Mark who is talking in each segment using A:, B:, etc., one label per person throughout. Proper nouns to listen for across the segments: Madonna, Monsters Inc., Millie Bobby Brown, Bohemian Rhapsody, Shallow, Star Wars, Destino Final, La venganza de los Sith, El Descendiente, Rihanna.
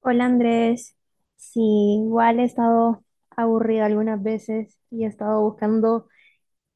A: Hola Andrés, sí, igual he estado aburrida algunas veces y he estado buscando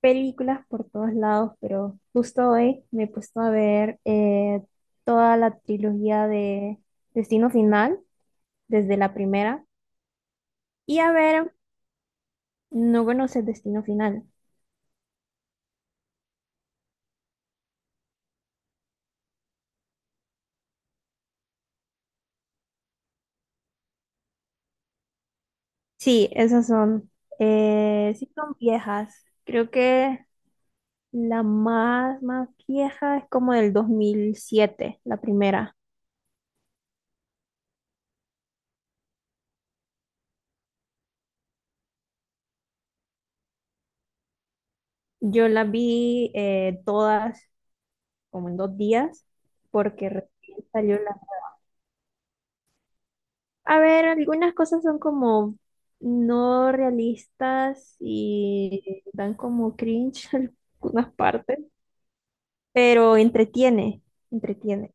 A: películas por todos lados, pero justo hoy me he puesto a ver toda la trilogía de Destino Final, desde la primera. Y a ver, no conoces Destino Final. Sí, esas son, sí son viejas, creo que la más vieja es como del 2007, la primera. Yo las vi todas como en dos días, porque recién salió la... A ver, algunas cosas son como no realistas y dan como cringe en algunas partes, pero entretiene, entretiene.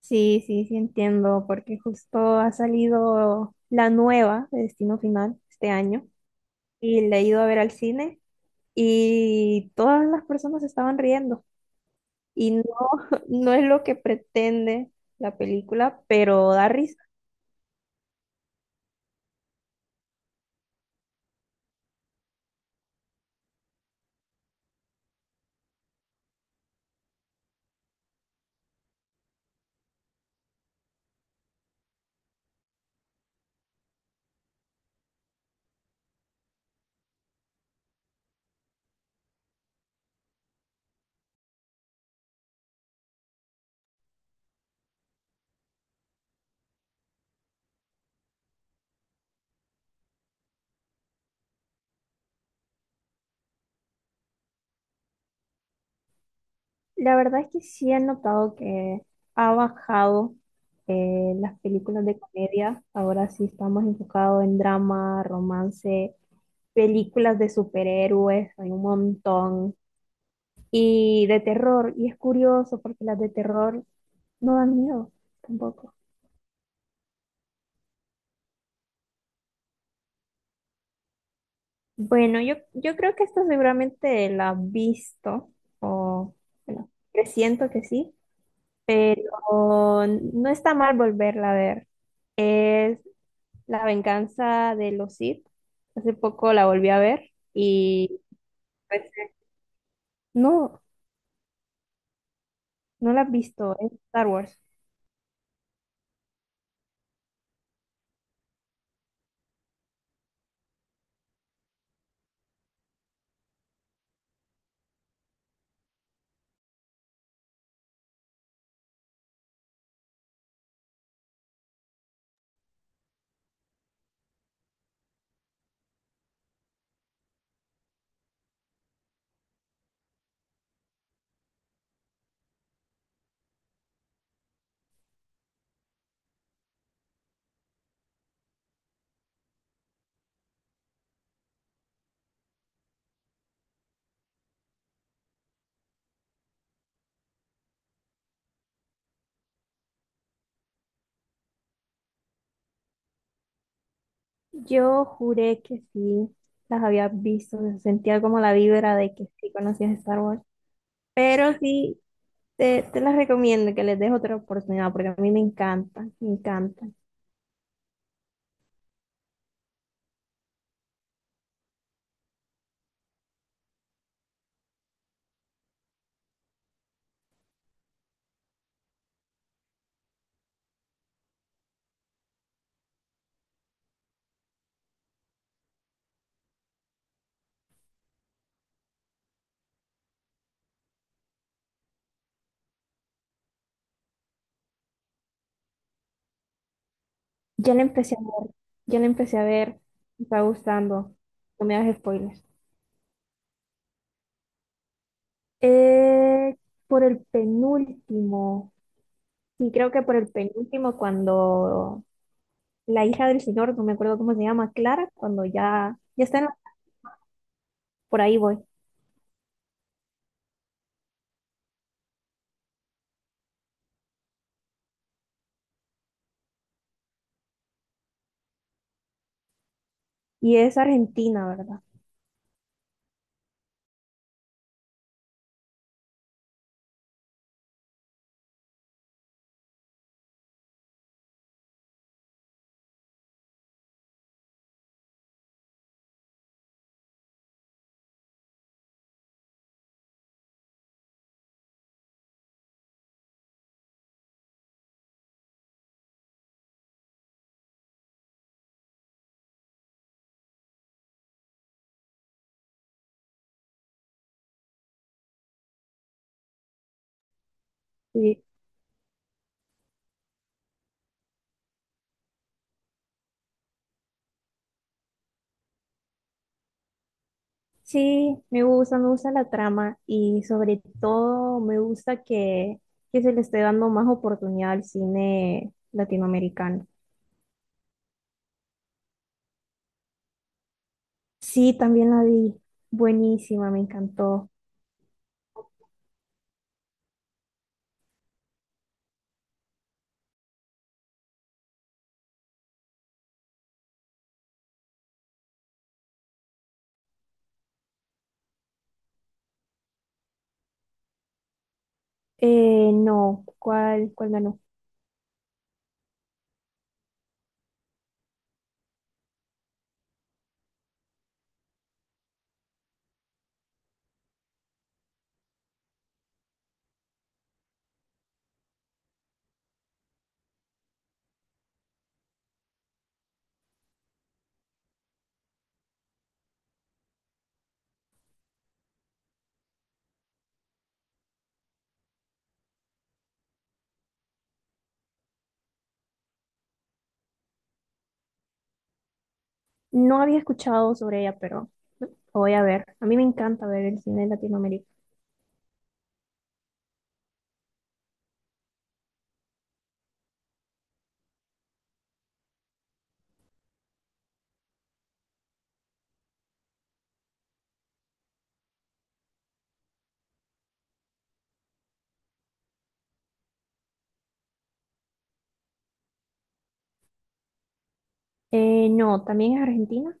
A: Sí, sí, sí entiendo, porque justo ha salido la nueva de Destino Final este año y la he ido a ver al cine y todas las personas estaban riendo. Y no, no es lo que pretende la película, pero da risa. La verdad es que sí he notado que ha bajado las películas de comedia. Ahora sí estamos enfocados en drama, romance, películas de superhéroes, hay un montón. Y de terror, y es curioso porque las de terror no dan miedo tampoco. Bueno, yo creo que esta seguramente la has visto, o bueno, presiento que sí. Pero no está mal volverla a ver. Es La venganza de los Sith. Hace poco la volví a ver y pues, no, no la has visto, es Star Wars. Yo juré que sí, las había visto, se sentía como la vibra de que sí conocías Star Wars. Pero sí, te las recomiendo, que les des otra oportunidad, porque a mí me encanta, me encanta. Ya la empecé a ver, ya la empecé a ver, me está gustando, no me hagas spoilers. Eh, por el penúltimo, sí, creo que por el penúltimo, cuando la hija del señor, no me acuerdo cómo se llama, Clara, cuando ya, ya está en la- por ahí voy. ¿Y es Argentina, verdad? Sí, sí, me gusta la trama y sobre todo me gusta que se le esté dando más oportunidad al cine latinoamericano. Sí, también la vi, buenísima, me encantó. No, ¿cuál, cuál ganó? No había escuchado sobre ella, pero lo voy a ver. A mí me encanta ver el cine de Latinoamérica. No, también es Argentina.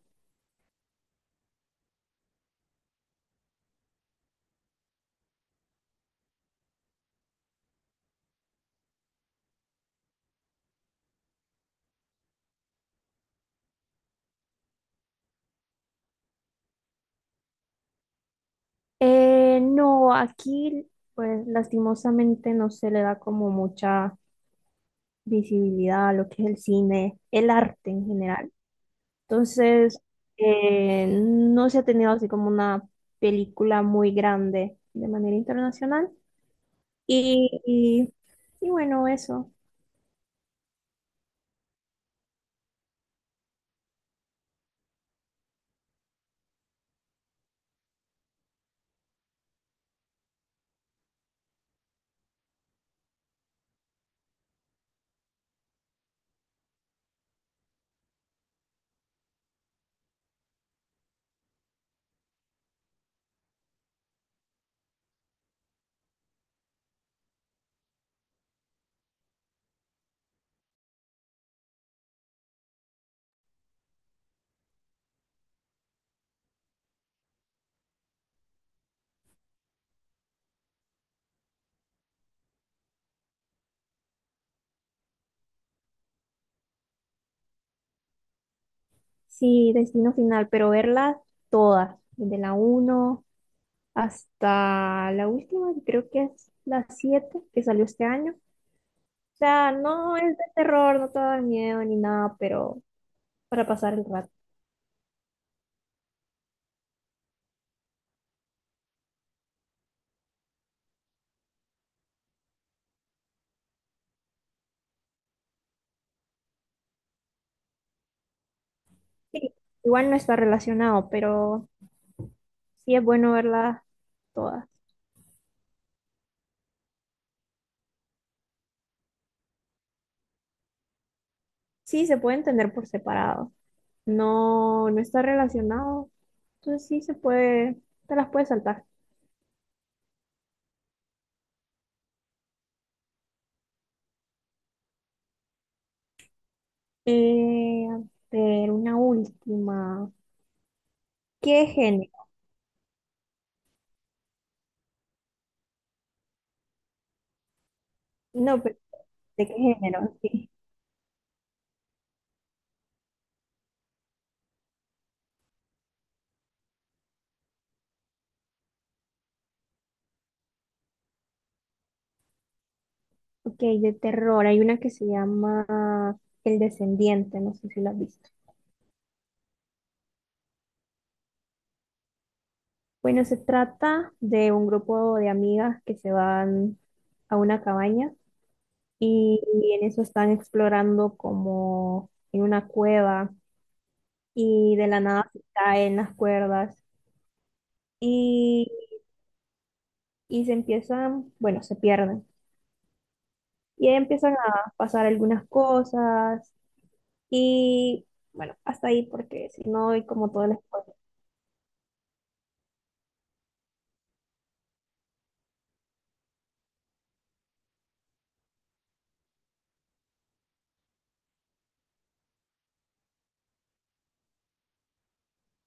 A: No, aquí, pues lastimosamente no se le da como mucha visibilidad a lo que es el cine, el arte en general. Entonces, no se ha tenido así como una película muy grande de manera internacional. Y, y, y bueno, eso. Sí, Destino Final, pero verlas todas, desde la uno hasta la última, que creo que es la 7 que salió este año. O sea, no es de terror, no te da miedo ni nada, pero para pasar el rato. Sí, igual no está relacionado, pero sí es bueno verlas todas. Sí, se puede entender por separado. No, no está relacionado. Entonces sí se puede, te las puedes saltar. A ver, una última. ¿Qué género? No, pero ¿de qué género? Sí. Ok, de terror. Hay una que se llama El Descendiente, no sé si la has visto. Bueno, se trata de un grupo de amigas que se van a una cabaña y en eso están explorando como en una cueva y de la nada se caen las cuerdas y, y se empiezan, bueno, se pierden y ahí empiezan a pasar algunas cosas y bueno, hasta ahí porque si no hay como todo el spoiler.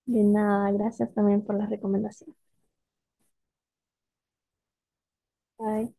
A: De nada, gracias también por la recomendación. Bye.